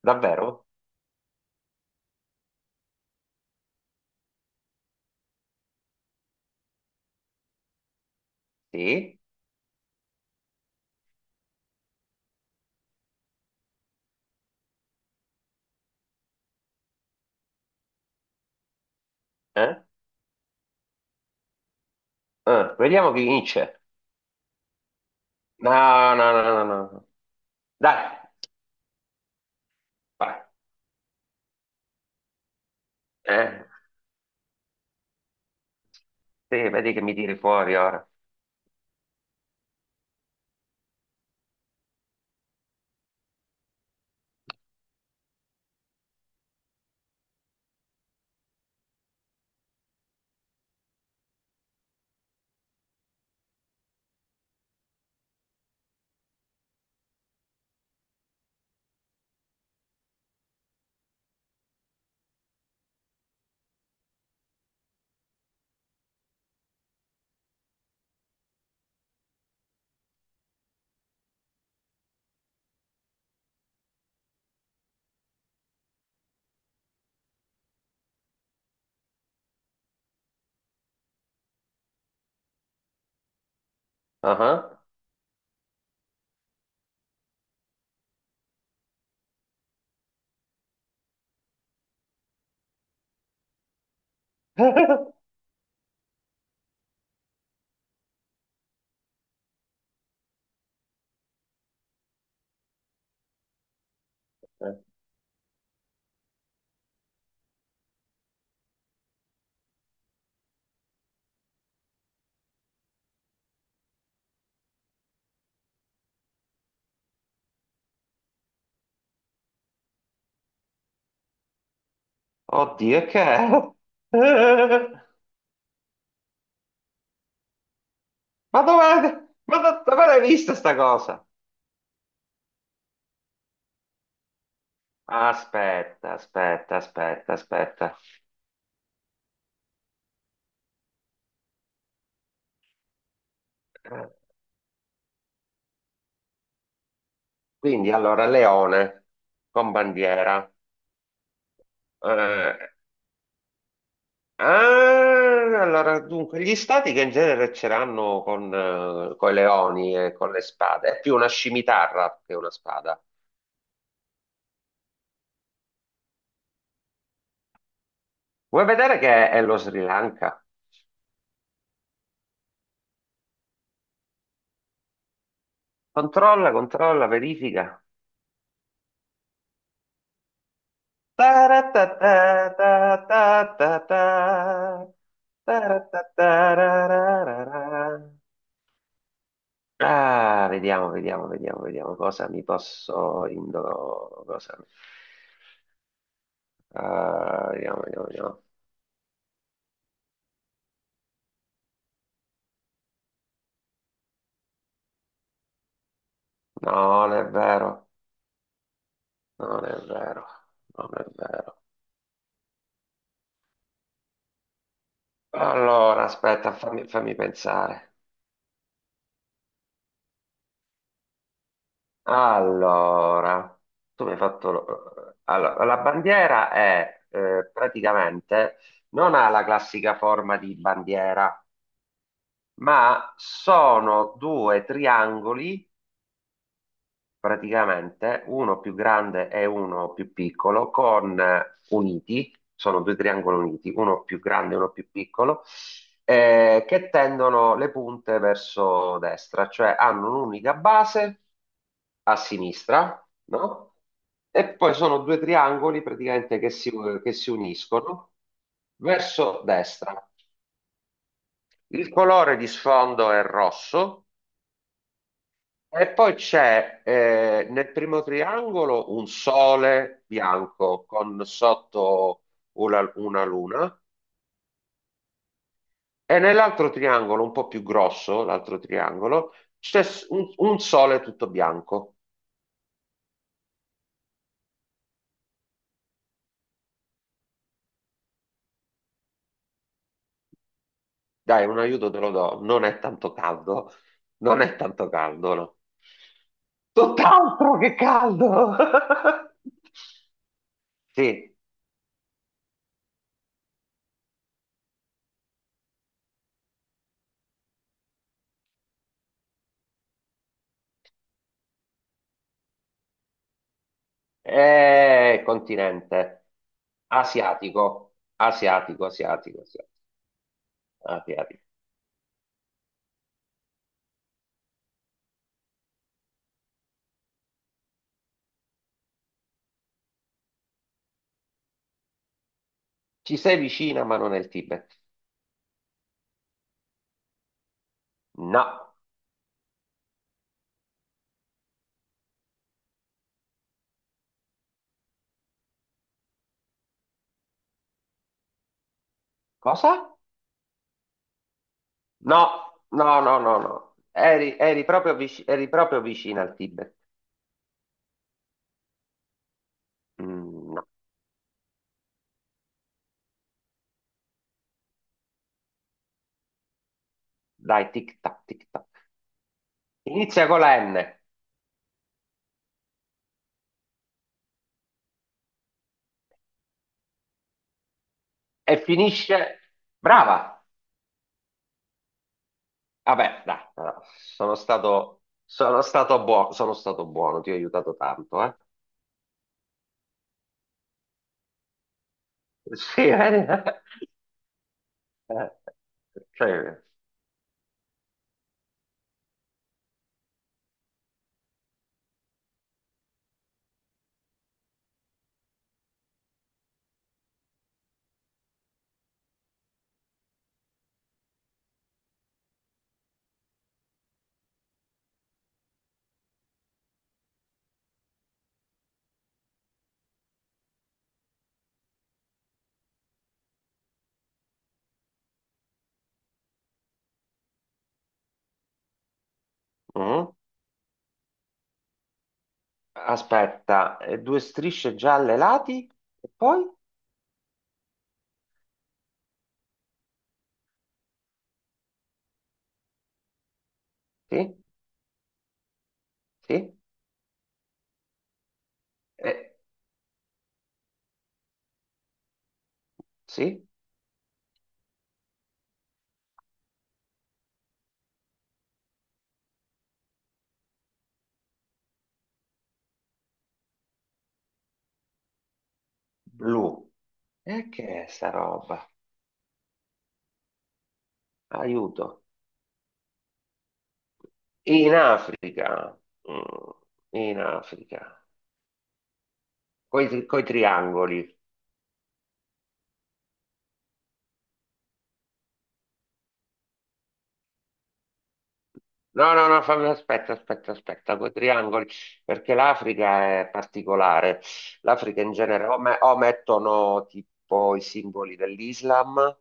Davvero? Sì? Eh? Vediamo chi vince. No, no, no, no, no, no. Dai, vai. Eh, sì, vedi che mi tiri fuori ora. Ah, ah. Oddio, e che è? Ma dove, dove l'hai vista sta cosa? Aspetta, aspetta, aspetta, aspetta. Quindi allora, leone con bandiera. Eh, Ah, allora, dunque, gli stati che in genere ce l'hanno con, coi leoni e con le spade, è più una scimitarra che una spada. Vuoi vedere che è lo Sri Lanka? Controlla, controlla, verifica. Taratatatatata. Taratatatararara. Ah, vediamo, vediamo, vediamo, vediamo cosa mi posso indo... Cosa... Ah, vediamo, vediamo, vediamo. No, non è vero. Non è vero, non è vero. Allora, aspetta, fammi pensare. Allora, tu mi hai fatto... lo- Allora, la bandiera è praticamente non ha la classica forma di bandiera, ma sono due triangoli praticamente uno più grande e uno più piccolo, con uniti, sono due triangoli uniti, uno più grande e uno più piccolo, che tendono le punte verso destra, cioè hanno un'unica base a sinistra, no? E poi sono due triangoli praticamente che si uniscono verso destra. Il colore di sfondo è rosso. E poi c'è nel primo triangolo un sole bianco con sotto una luna e nell'altro triangolo, un po' più grosso, l'altro triangolo, c'è s- un sole tutto bianco. Dai, un aiuto te lo do, non è tanto caldo, non è tanto caldo, no. Tutt'altro che caldo! Sì, è continente asiatico, asiatico, asiatico, asiatico. Api, api. Ci sei vicina, ma non è il Tibet. No. Cosa? No, no, no, no, no. Eri, eri proprio vicina al Tibet. Mm, no. Dai, tic tac, tic tac. Inizia con la N e finisce... Brava! Vabbè, dai, no, sono stato buono, ti ho aiutato tanto, eh. Sì, eh. Eh, cioè, mm. Aspetta, due strisce gialle ai lati e poi? Sì. Sì? Eh, sì? Blu. E che è sta roba? Aiuto. In Africa. Mm, in Africa. Coi, coi triangoli. No, no, no, fammi, aspetta, aspetta, aspetta, coi triangoli, perché l'Africa è particolare. L'Africa in genere o, me- o mettono tipo i simboli dell'Islam,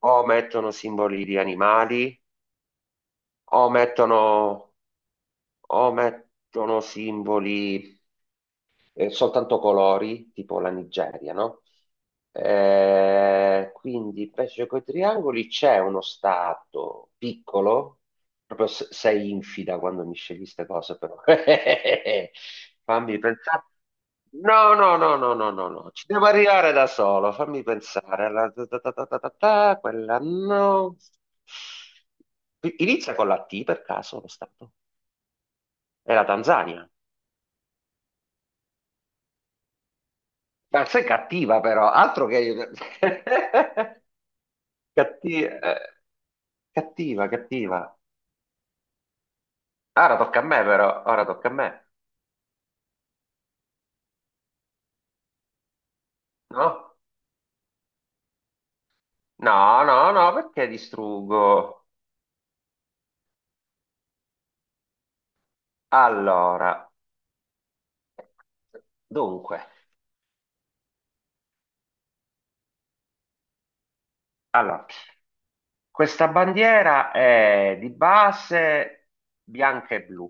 o mettono simboli di animali, o mettono, o mettono simboli soltanto colori, tipo la Nigeria, no? Quindi invece con i triangoli c'è uno stato piccolo, proprio sei infida quando mi scegli queste cose, però. Fammi pensare. No, no, no, no, no, no, no, ci devo arrivare da solo, fammi pensare. La- ta- ta- ta- ta- ta- ta- ta, quella no. Inizia con la T per caso lo stato? È la Tanzania. Ma sei cattiva però, altro che. Catti- cattiva, cattiva. Ora tocca a me però, ora tocca a me. No? No, no, no, perché distruggo? Allora, dunque, allora, questa bandiera è di base bianca e blu,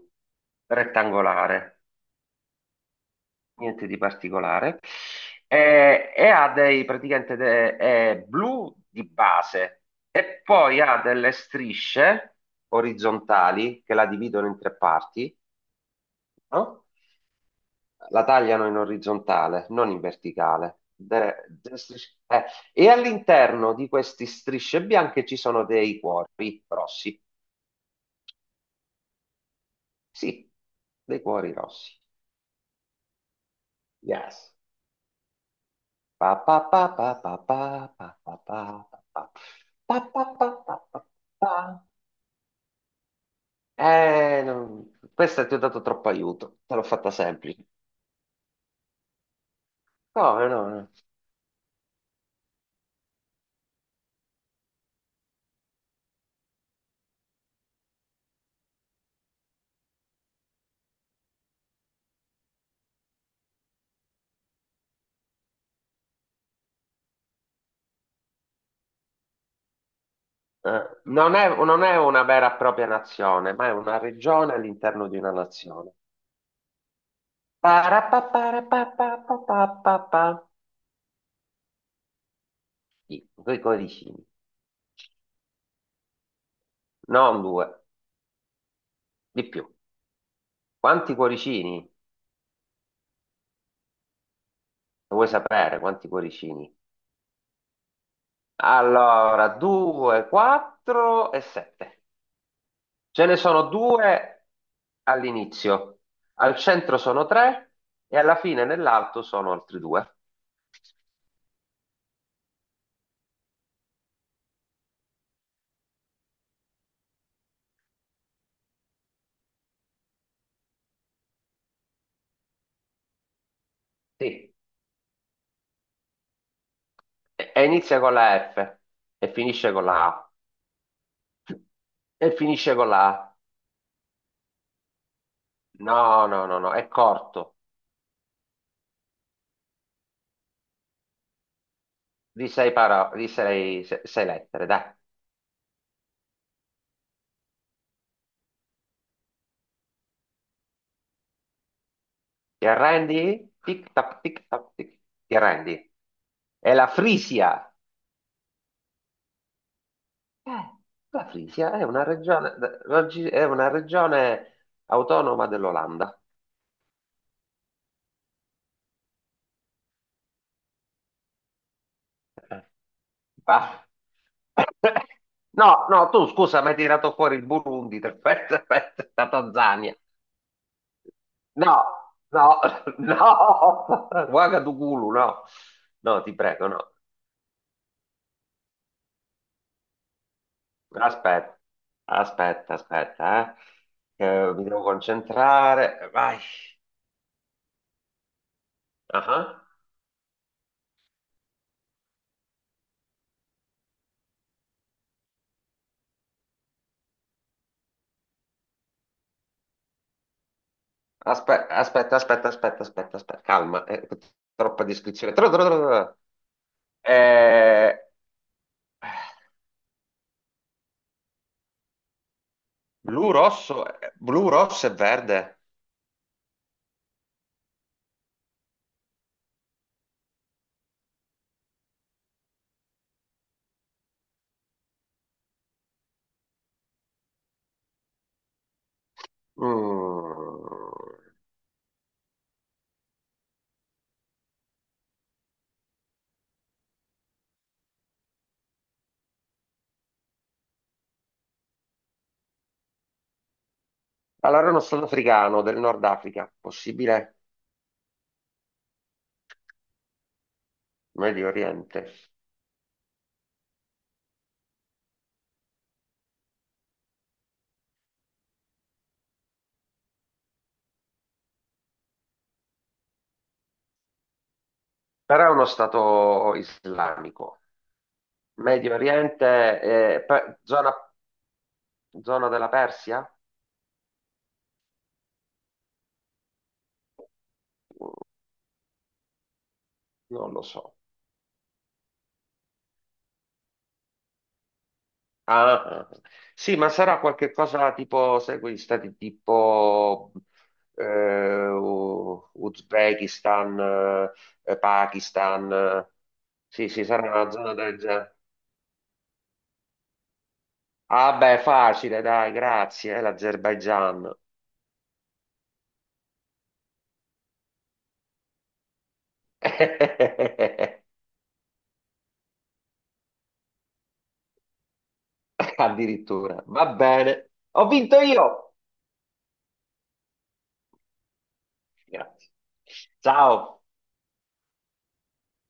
rettangolare. Niente di particolare. E ha dei praticamente de- è blu di base e poi ha delle strisce orizzontali che la dividono in tre parti, no? La tagliano in orizzontale, non in verticale. De- de- strisce- e all'interno di queste strisce bianche ci sono dei cuori rossi. Sì, dei cuori rossi. Yes. Pa pa pa pa pa pa pa pa pa pa pa pa pa pa pa pa. Non- questa ti ho dato troppo aiuto, te l'ho fatta semplice. Come no? No. Non è, non è una vera e propria nazione, ma è una regione all'interno di una nazione. Parapaparapapapapapapa. Sì, due cuoricini, non due, di più. Quanti cuoricini? Lo vuoi sapere quanti cuoricini? Allora, 2, 4 e 7. Ce ne sono due all'inizio, al centro sono tre e alla fine nell'alto sono altri due. Sì. E inizia con la F e finisce con la A. E finisce con la A. No, no, no, no, è corto, di sei, paro- di sei, se- sei lettere, dai. Ti arrendi? Tic tac, tic tac, tic. Ti arrendi? È la Frisia. Eh, la Frisia è una regione, raggi- è una regione autonoma dell'Olanda. Eh, Ah. No, no, tu scusa, mi hai tirato fuori il Burundi, aspetta, aspetta, la Tanzania. No, no, no, Ouagadougou, no. No, ti prego, no. Aspetta, aspetta, aspetta, eh. Mi devo concentrare. Vai. Ah, ah. Aspetta, aspetta, aspetta, aspetta, aspetta, calma, troppa descrizione. Tro- tro- tro- tro- tro. Eh, eh, blu, rosso e verde. Mm. Allora è uno stato africano del Nord Africa, possibile? Medio Oriente. Però è uno stato islamico. Medio Oriente, pe- zona, zona della Persia? Non lo so. Ah, ah. Sì, ma sarà qualche cosa tipo, sai, quegli stati tipo Uzbekistan, Pakistan, eh. Sì, sì, sarà una zona del genere. Ah beh, facile, dai, grazie, è l'Azerbaigian. Addirittura. Va bene. Ho vinto io. Grazie. Ciao.